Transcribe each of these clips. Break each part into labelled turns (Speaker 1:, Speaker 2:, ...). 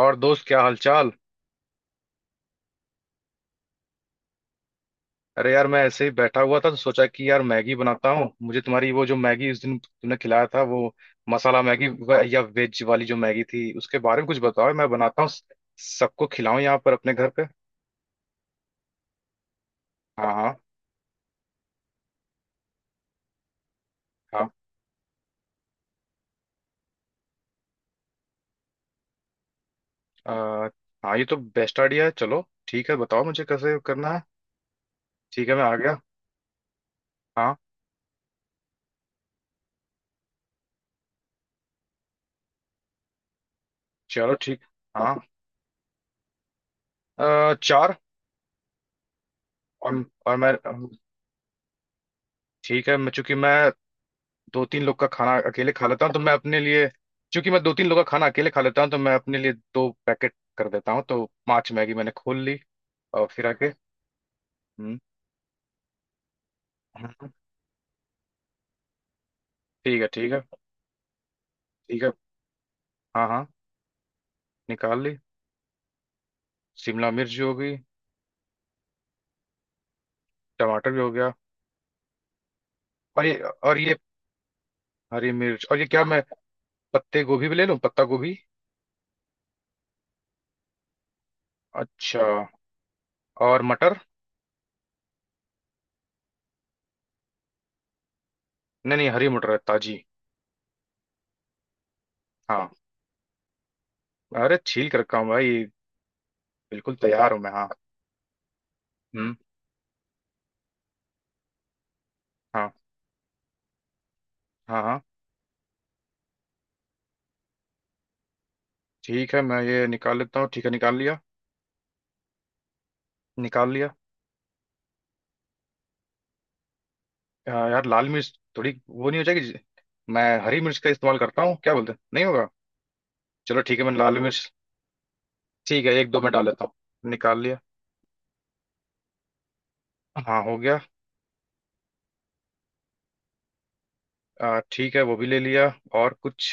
Speaker 1: और दोस्त, क्या हालचाल। अरे यार, मैं ऐसे ही बैठा हुआ था तो सोचा कि यार, मैगी बनाता हूँ। मुझे तुम्हारी वो, जो मैगी उस दिन तुमने खिलाया था, वो मसाला मैगी या वेज वाली जो मैगी थी उसके बारे में कुछ बताओ। मैं बनाता हूँ, सबको खिलाऊं यहाँ पर अपने घर पे। हाँ हाँ। हाँ। अ, हाँ, ये तो बेस्ट आइडिया है। चलो, ठीक है, बताओ मुझे कैसे करना है। ठीक है, मैं आ गया। हाँ। चलो ठीक। हाँ। चार। और मैं। ठीक है, मैं, चूंकि मैं दो तीन लोग का खाना अकेले खा लेता हूँ तो मैं अपने लिए। क्योंकि मैं दो तीन लोग का खाना अकेले खा लेता हूँ, तो मैं अपने लिए 2 पैकेट कर देता हूँ। तो पांच मैगी मैंने खोल ली। और फिर आके। हम्म। हम्म, ठीक है, ठीक है। ठीक है। हाँ। हाँ। निकाल ली। शिमला मिर्च भी हो गई। टमाटर भी हो गया। और ये। और ये हरी मिर्च। और ये, क्या मैं पत्ते गोभी भी ले लूँ, पत्ता गोभी? अच्छा। और मटर? नहीं नहीं, हरी मटर है, ताजी। हाँ। अरे, छील कर रखा हूँ भाई। बिल्कुल तैयार हूँ मैं। हाँ। हम्म। हाँ, हाँ। हाँ। ठीक है, मैं ये निकाल लेता हूँ। ठीक है, निकाल लिया। निकाल लिया। यार, लाल मिर्च थोड़ी वो नहीं हो जाएगी जी? मैं हरी मिर्च का इस्तेमाल करता हूँ, क्या बोलते हैं, नहीं होगा? चलो ठीक है, मैं लाल मिर्च। ठीक है, एक दो मैं डाल लेता हूँ, निकाल लिया। हाँ, हो गया। ठीक है, वो भी ले लिया। और कुछ?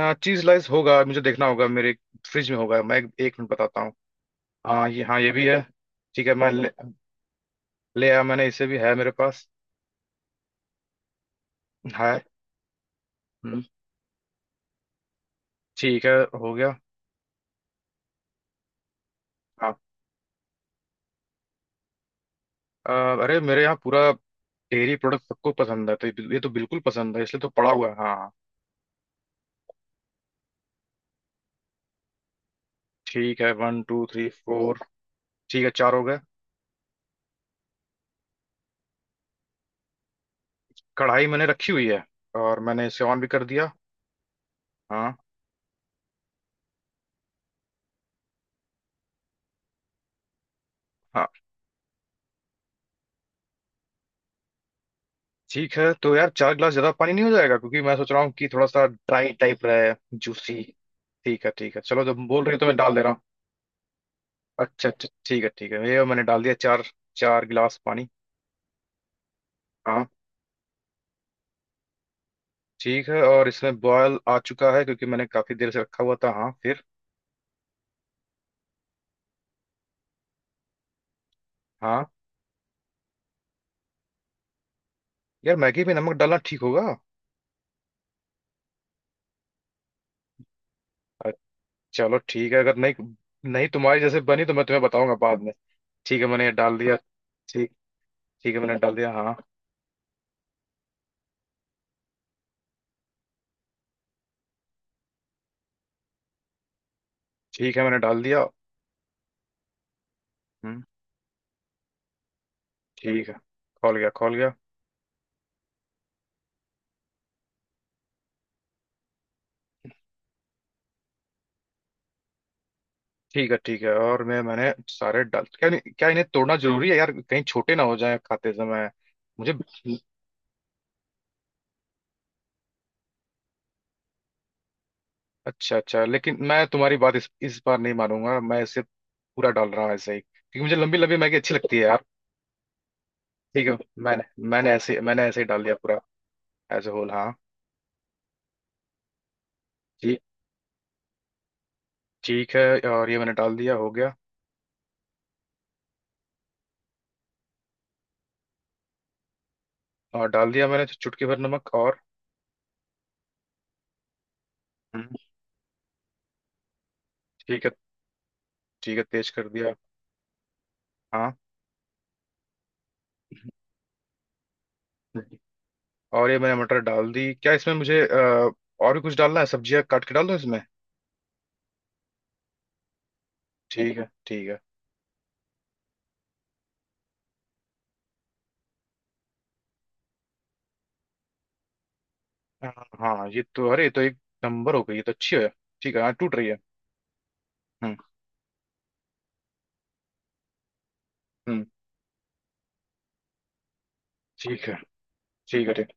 Speaker 1: चीज स्लाइस होगा, मुझे देखना होगा, मेरे फ्रिज में होगा। मैं 1 मिनट बताता हूँ। हाँ ये, हाँ ये भी है। ठीक है, मैं ले आया। मैंने, इसे भी है मेरे पास। है। हम्म, ठीक है, हो गया। हाँ। अ, अरे, मेरे यहाँ पूरा डेयरी प्रोडक्ट सबको पसंद है तो। ये तो बिल्कुल पसंद है, इसलिए तो पड़ा हुआ है, हाँ। ठीक है, वन टू थ्री फोर। ठीक है, चार हो गए। कढ़ाई मैंने रखी हुई है, और मैंने इसे ऑन भी कर दिया। हाँ, हाँ। ठीक है तो यार, 4 गिलास ज्यादा पानी नहीं हो जाएगा? क्योंकि मैं सोच रहा हूँ कि थोड़ा सा ड्राई टाइप रहे। जूसी। ठीक है, ठीक है, चलो जब बोल रही हो तो मैं डाल दे रहा हूँ। अच्छा अच्छा, ठीक है, ठीक है, ये मैंने डाल दिया, चार। 4 गिलास पानी। हाँ, ठीक है, और इसमें बॉयल आ चुका है क्योंकि मैंने काफी देर से रखा हुआ था। हाँ, फिर? हाँ यार, मैगी में नमक डालना ठीक होगा? अ, चलो ठीक है, अगर नहीं। नहीं, तुम्हारी जैसे बनी तो मैं तुम्हें बताऊंगा बाद में। ठीक है, मैंने ये डाल दिया। ठीक। ठीक है, मैंने डाल दिया, हाँ। ठीक है, मैंने डाल दिया। हम्म। ठीक है, खोल गया, खोल गया। ठीक है, ठीक है, और मैंने सारे डाल, क्या? क्या इन्हें तोड़ना जरूरी है यार, कहीं छोटे ना हो जाए खाते समय? मुझे। अच्छा अच्छा, लेकिन मैं तुम्हारी बात इस बार नहीं मानूंगा। मैं इसे पूरा डाल रहा हूँ ऐसे ही, क्योंकि मुझे लंबी लंबी मैगी अच्छी लगती है यार। ठीक है। मैंने मैंने ऐसे ही डाल दिया पूरा। As a whole. हाँ। जी। ठीक है, और ये मैंने डाल दिया, हो गया। और डाल दिया मैंने चुटकी भर नमक और। हम्म, ठीक है, ठीक है, तेज कर दिया। हाँ। और ये मैंने मटर डाल दी। क्या इसमें मुझे और भी कुछ डालना है? सब्जियां काट के डाल दो इसमें। ठीक है, ठीक है। हाँ। हाँ, ये तो, अरे ये तो एक नंबर हो गई, ये तो अच्छी है। ठीक है, हाँ टूट रही है। हम्म। हम्म। ठीक है, ठीक है, ठीक।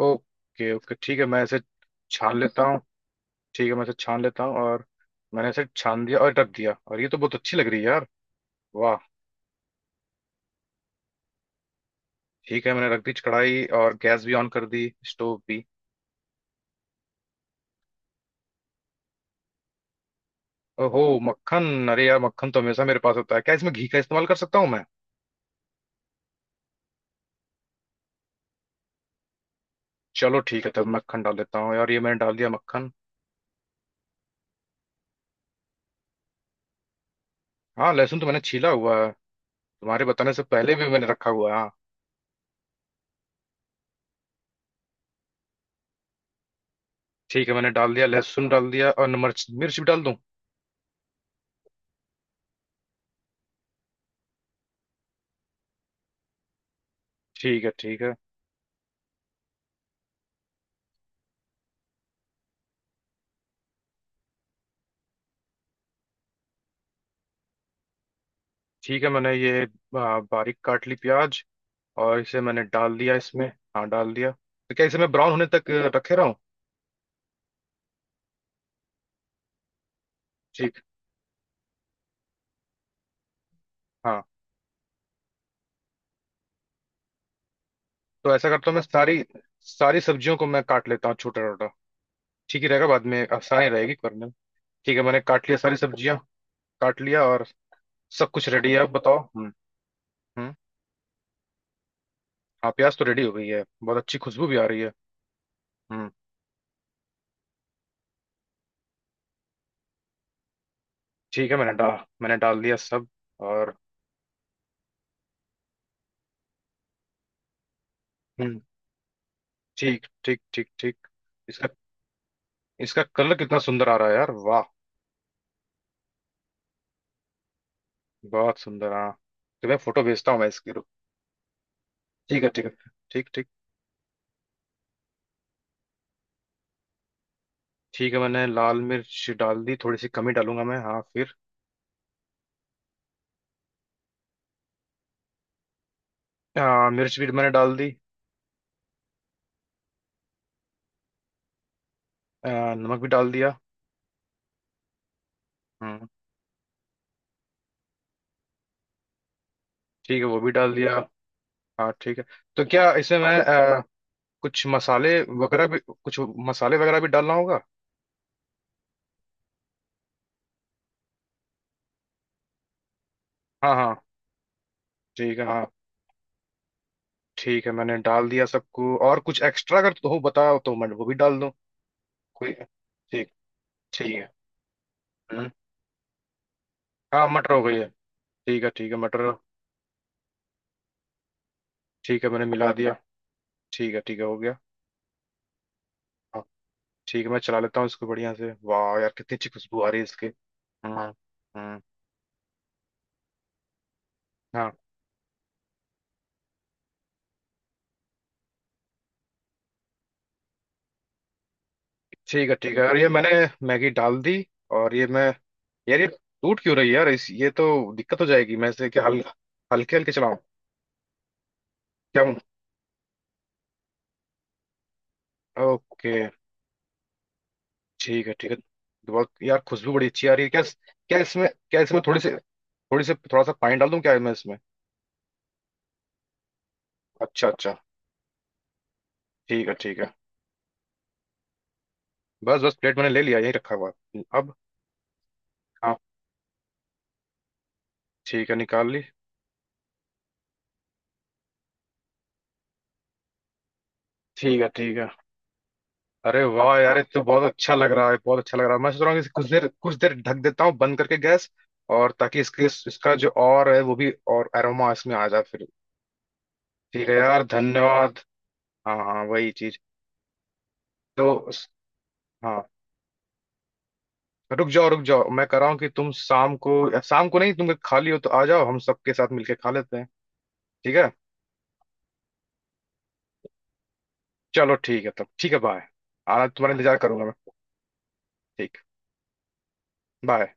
Speaker 1: ओके ओके, ठीक है, मैं इसे छान लेता हूँ। ठीक है, मैं इसे छान लेता हूँ और मैंने इसे छान दिया, और रख दिया, और ये तो बहुत अच्छी लग रही है यार। वाह। ठीक है, मैंने रख दी कढ़ाई, और गैस भी ऑन कर दी, स्टोव भी। ओहो, मक्खन! अरे यार, मक्खन तो हमेशा मेरे पास होता है, क्या इसमें घी का इस्तेमाल कर सकता हूँ मैं? चलो ठीक है, तब मक्खन डाल देता हूँ यार। ये मैंने डाल दिया मक्खन। हाँ, लहसुन तो मैंने छीला हुआ है, तुम्हारे बताने से पहले भी मैंने रखा हुआ है, हाँ। ठीक है, मैंने डाल दिया लहसुन, डाल दिया, और मिर्च मिर्च भी डाल दूँ? ठीक है, ठीक है, ठीक है, मैंने ये। बारीक काट ली प्याज, और इसे मैंने डाल दिया इसमें। हाँ, डाल दिया। तो क्या इसे मैं ब्राउन होने तक रखे रहा हूँ? ठीक। हाँ तो ऐसा करता हूँ, मैं सारी सारी सब्जियों को मैं काट लेता हूँ छोटा छोटा। ठीक ही रहेगा, बाद में आसानी रहेगी करने में। ठीक है, मैंने काट लिया सारी सब्जियाँ। काट लिया और। सब कुछ रेडी है, अब बताओ। हम्म। हम्म। हाँ, प्याज तो रेडी हो गई है, बहुत अच्छी खुशबू भी आ रही है। हम्म। ठीक है। मैंने डाल दिया सब और। हम्म। ठीक, ठीक, ठीक, ठीक। इसका इसका कलर कितना सुंदर आ रहा है यार, वाह। बहुत सुंदर, हाँ। तो मैं फोटो भेजता हूँ, मैं इसकी, रुक। ठीक है, ठीक है। ठीक, ठीक। ठीक है, मैंने लाल मिर्च डाल दी, थोड़ी सी कमी डालूंगा मैं, हाँ फिर। मिर्च भी मैंने डाल दी। नमक भी डाल दिया। हम्म, ठीक है, वो भी डाल दिया। हाँ, ठीक है। तो क्या इसमें मैं कुछ मसाले वगैरह भी कुछ? मसाले वगैरह भी डालना होगा? हाँ, हाँ। ठीक है, हाँ। ठीक है, मैंने डाल दिया सबको, और कुछ एक्स्ट्रा अगर तो हो, बताओ तो मैं वो भी डाल दूँ। कोई। ठीक। ठीक है। हम्म। हाँ, मटर हो गई है। ठीक है, ठीक है, मटर। ठीक है, मैंने मिला दिया। ठीक है, ठीक है, हो गया। हाँ ठीक है, मैं चला लेता हूँ इसको बढ़िया से। वाह यार, कितनी अच्छी खुशबू आ रही है इसके। हम्म। हम्म। हाँ, ठीक है, ठीक है, और ये मैंने मैगी डाल दी, और ये मैं। यार, ये टूट क्यों रही है यार, इस, ये तो दिक्कत हो जाएगी। मैं इसे क्या, हल हल्के हल्के चलाऊं क्या? ओके, ठीक है, ठीक है। बहुत यार, खुशबू बड़ी अच्छी आ रही है क्या? क्या इसमें थोड़ी सी थोड़ा सा पानी डाल दूं, क्या मैं इसमें? अच्छा अच्छा, ठीक है, ठीक है। बस बस, प्लेट मैंने ले लिया, यही रखा हुआ है। अब। हाँ, ठीक है, निकाल ली। ठीक है, ठीक है। अरे वाह यार, ये तो बहुत अच्छा लग रहा है, बहुत अच्छा लग रहा है। मैं सोच रहा हूँ कि इसे कुछ देर, कुछ देर ढक देता हूँ, बंद करके गैस। और ताकि इसके, इसका जो और है वो भी, और एरोमा इसमें आ जाए फिर। ठीक है यार, धन्यवाद। हाँ हाँ, वही चीज। तो। हाँ तो, रुक जाओ रुक जाओ, मैं कह रहा हूँ कि तुम शाम को, या शाम को नहीं, तुम खाली हो तो आ जाओ, हम सबके साथ मिलके खा लेते हैं। ठीक है। चलो ठीक है तब, ठीक है, बाय। आना, तुम्हारा इंतजार करूंगा मैं। ठीक। बाय।